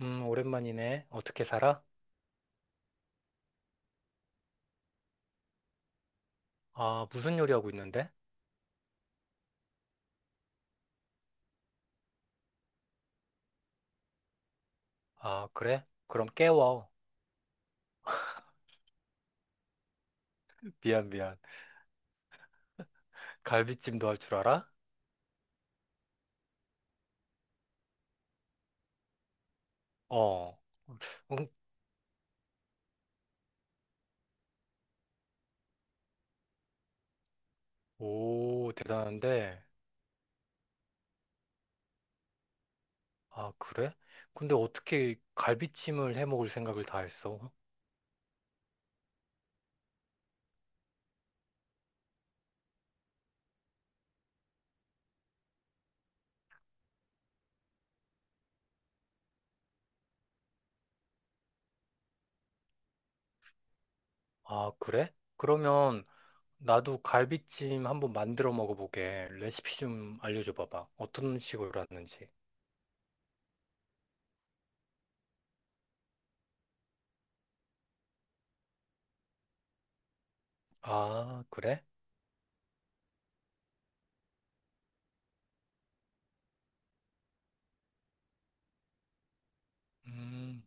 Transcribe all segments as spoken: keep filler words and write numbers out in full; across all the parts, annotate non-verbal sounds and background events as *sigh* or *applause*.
음, 오랜만이네. 어떻게 살아? 아, 무슨 요리 하고 있는데? 아, 그래? 그럼 깨워. 미안, 미안. 갈비찜도 할 줄 알아? 어. 응? 오, 대단한데. 아, 그래? 근데 어떻게 갈비찜을 해 먹을 생각을 다 했어? 아, 그래? 그러면 나도 갈비찜 한번 만들어 먹어보게. 레시피 좀 알려줘 봐봐. 어떤 식으로 하는지. 아, 그래? 음.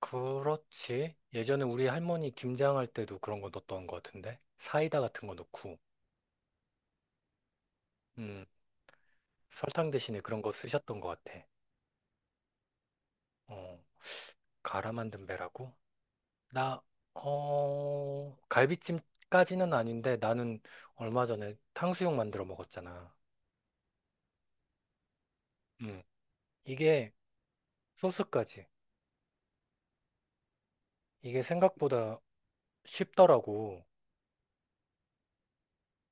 그렇지. 예전에 우리 할머니 김장할 때도 그런 거 넣었던 것 같은데. 사이다 같은 거 넣고, 음, 설탕 대신에 그런 거 쓰셨던 것 같아. 어, 갈아 만든 배라고? 나, 어, 갈비찜까지는 아닌데 나는 얼마 전에 탕수육 만들어 먹었잖아. 음, 이게 소스까지. 이게 생각보다 쉽더라고.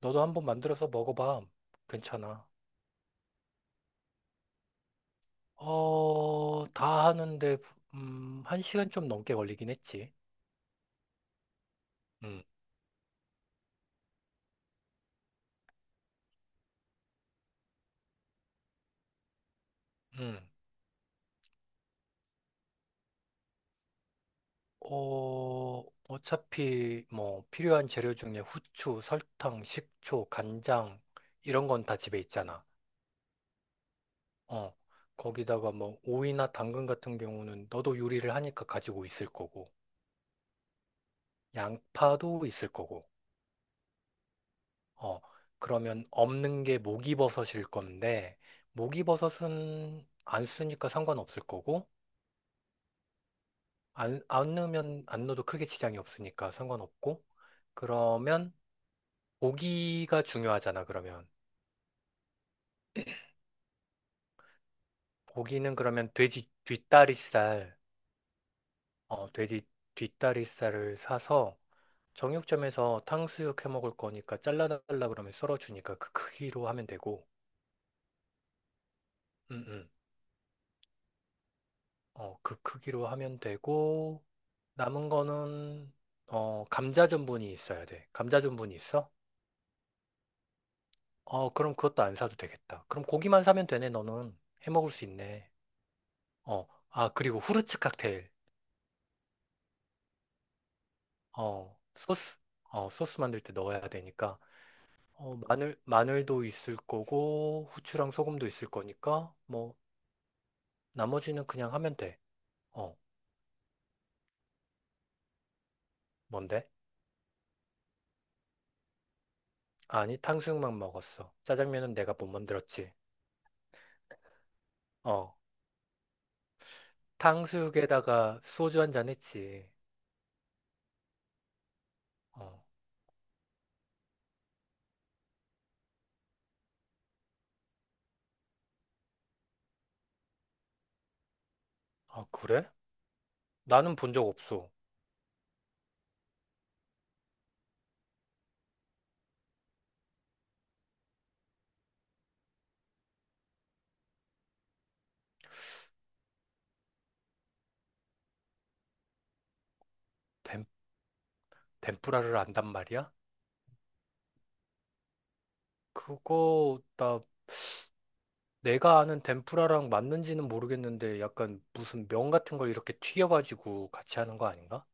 너도 한번 만들어서 먹어봐. 괜찮아. 어, 다 하는데, 음, 한 시간 좀 넘게 걸리긴 했지. 음, 음. 어, 어차피 뭐 필요한 재료 중에 후추, 설탕, 식초, 간장 이런 건 다 집에 있잖아. 어, 거기다가 뭐 오이나 당근 같은 경우는 너도 요리를 하니까 가지고 있을 거고, 양파도 있을 거고. 어, 그러면 없는 게 목이버섯일 건데, 목이버섯은 안 쓰니까 상관없을 거고, 안, 안 넣으면 안 넣어도 크게 지장이 없으니까 상관없고, 그러면 고기가 중요하잖아, 그러면. 고기는 그러면 돼지 뒷다리살, 어, 돼지 뒷다리살을 사서 정육점에서 탕수육 해 먹을 거니까 잘라달라 그러면 썰어주니까 그 크기로 하면 되고, 음, 음. 어, 그 크기로 하면 되고, 남은 거는, 어, 감자 전분이 있어야 돼. 감자 전분이 있어? 어, 그럼 그것도 안 사도 되겠다. 그럼 고기만 사면 되네, 너는. 해 먹을 수 있네. 어, 아, 그리고 후르츠 칵테일. 어, 소스, 어, 소스 만들 때 넣어야 되니까, 어, 마늘, 마늘도 있을 거고, 후추랑 소금도 있을 거니까, 뭐, 나머지는 그냥 하면 돼. 어, 뭔데? 아니, 탕수육만 먹었어. 짜장면은 내가 못 만들었지. 어, 탕수육에다가 소주 한잔 했지. 어, 아, 그래? 나는 본 적 없어. 덴, 덴푸라를 안단 말이야? 그거, 나 내가 아는 덴푸라랑 맞는지는 모르겠는데 약간 무슨 면 같은 걸 이렇게 튀겨가지고 같이 하는 거 아닌가?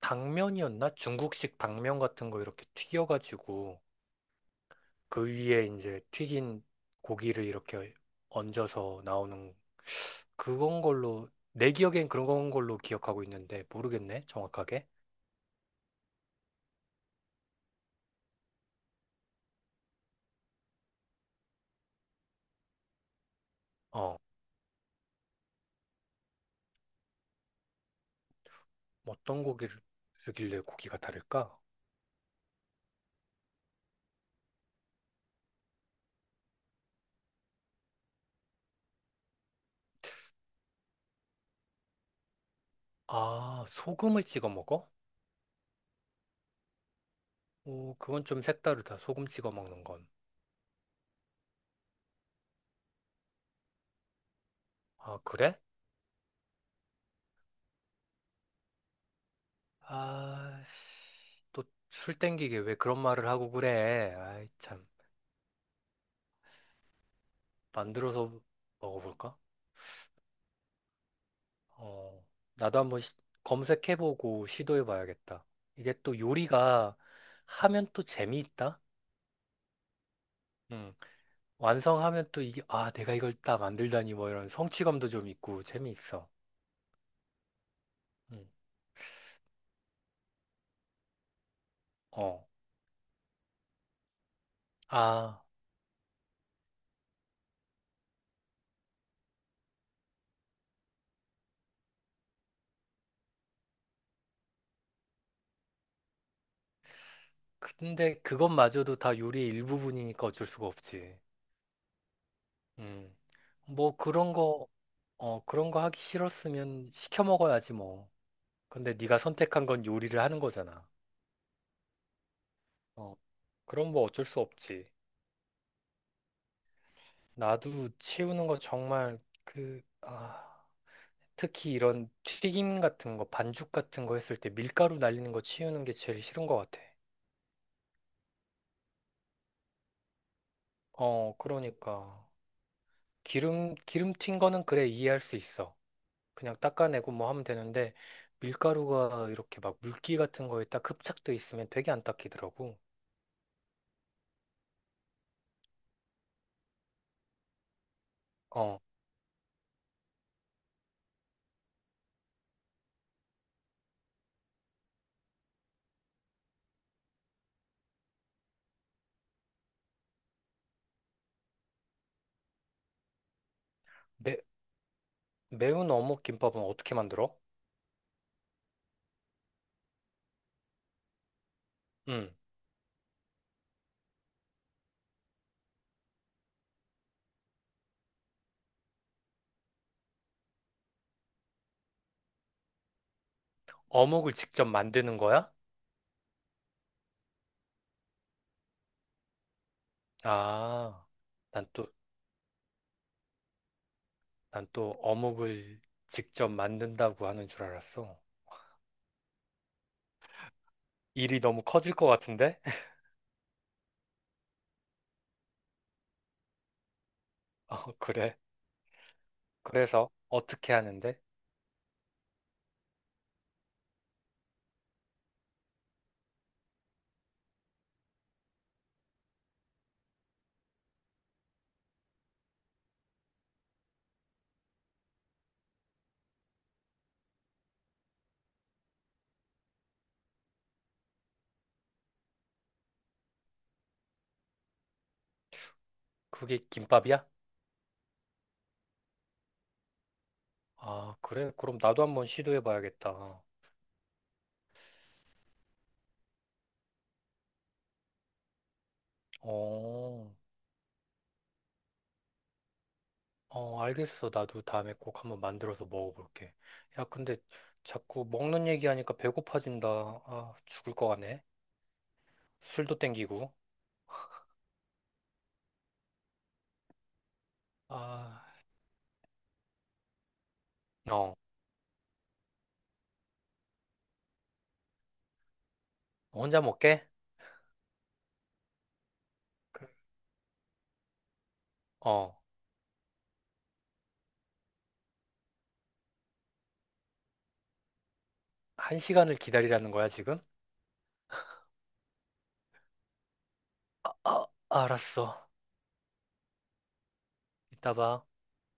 당면이었나? 중국식 당면 같은 거 이렇게 튀겨가지고 그 위에 이제 튀긴 고기를 이렇게 얹어서 나오는 그건 걸로 내 기억엔 그런 건 걸로 기억하고 있는데 모르겠네 정확하게. 어, 어떤 고기를 쓰길래 고기가 다를까? 아, 소금을 찍어 먹어? 오, 그건 좀 색다르다. 소금 찍어 먹는 건. 아, 그래? 아, 또 술 땡기게 왜 그런 말을 하고 그래? 아이, 참. 만들어서 먹어볼까? 어, 나도 한번 시- 검색해보고 시도해봐야겠다. 이게 또 요리가 하면 또 재미있다? 응. 완성하면 또 이게, 아, 내가 이걸 딱 만들다니 뭐 이런 성취감도 좀 있고 재미있어. 응. 어. 아, 근데 그것마저도 다 요리의 일부분이니까 어쩔 수가 없지. 음. 뭐 그런 거, 어, 그런 거 하기 싫었으면 시켜 먹어야지 뭐. 근데 네가 선택한 건 요리를 하는 거잖아. 어, 그럼 뭐 어쩔 수 없지. 나도 치우는 거 정말 그, 아, 특히 이런 튀김 같은 거, 반죽 같은 거 했을 때 밀가루 날리는 거 치우는 게 제일 싫은 것 같아. 어, 그러니까. 기름, 기름 튄 거는 그래 이해할 수 있어. 그냥 닦아내고 뭐 하면 되는데 밀가루가 이렇게 막 물기 같은 거에 딱 흡착돼 있으면 되게 안 닦이더라고. 어. 매, 매운 어묵 김밥은 어떻게 만들어? 응. 어묵을 직접 만드는 거야? 아, 난 또, 난 또 어묵을 직접 만든다고 하는 줄 알았어. 일이 너무 커질 것 같은데? *laughs* 어, 그래. 그래서 어떻게 하는데? 그게 김밥이야? 아, 그래. 그럼 나도 한번 시도해 봐야겠다. 어, 어, 알겠어. 나도 다음에 꼭 한번 만들어서 먹어볼게. 야, 근데 자꾸 먹는 얘기하니까 배고파진다. 아, 죽을 것 같네. 술도 땡기고. 아, 어, 혼자 먹게? 그- 어, 한 시간을 기다리라는 거야, 지금? 아, 알았어. 이따 봐.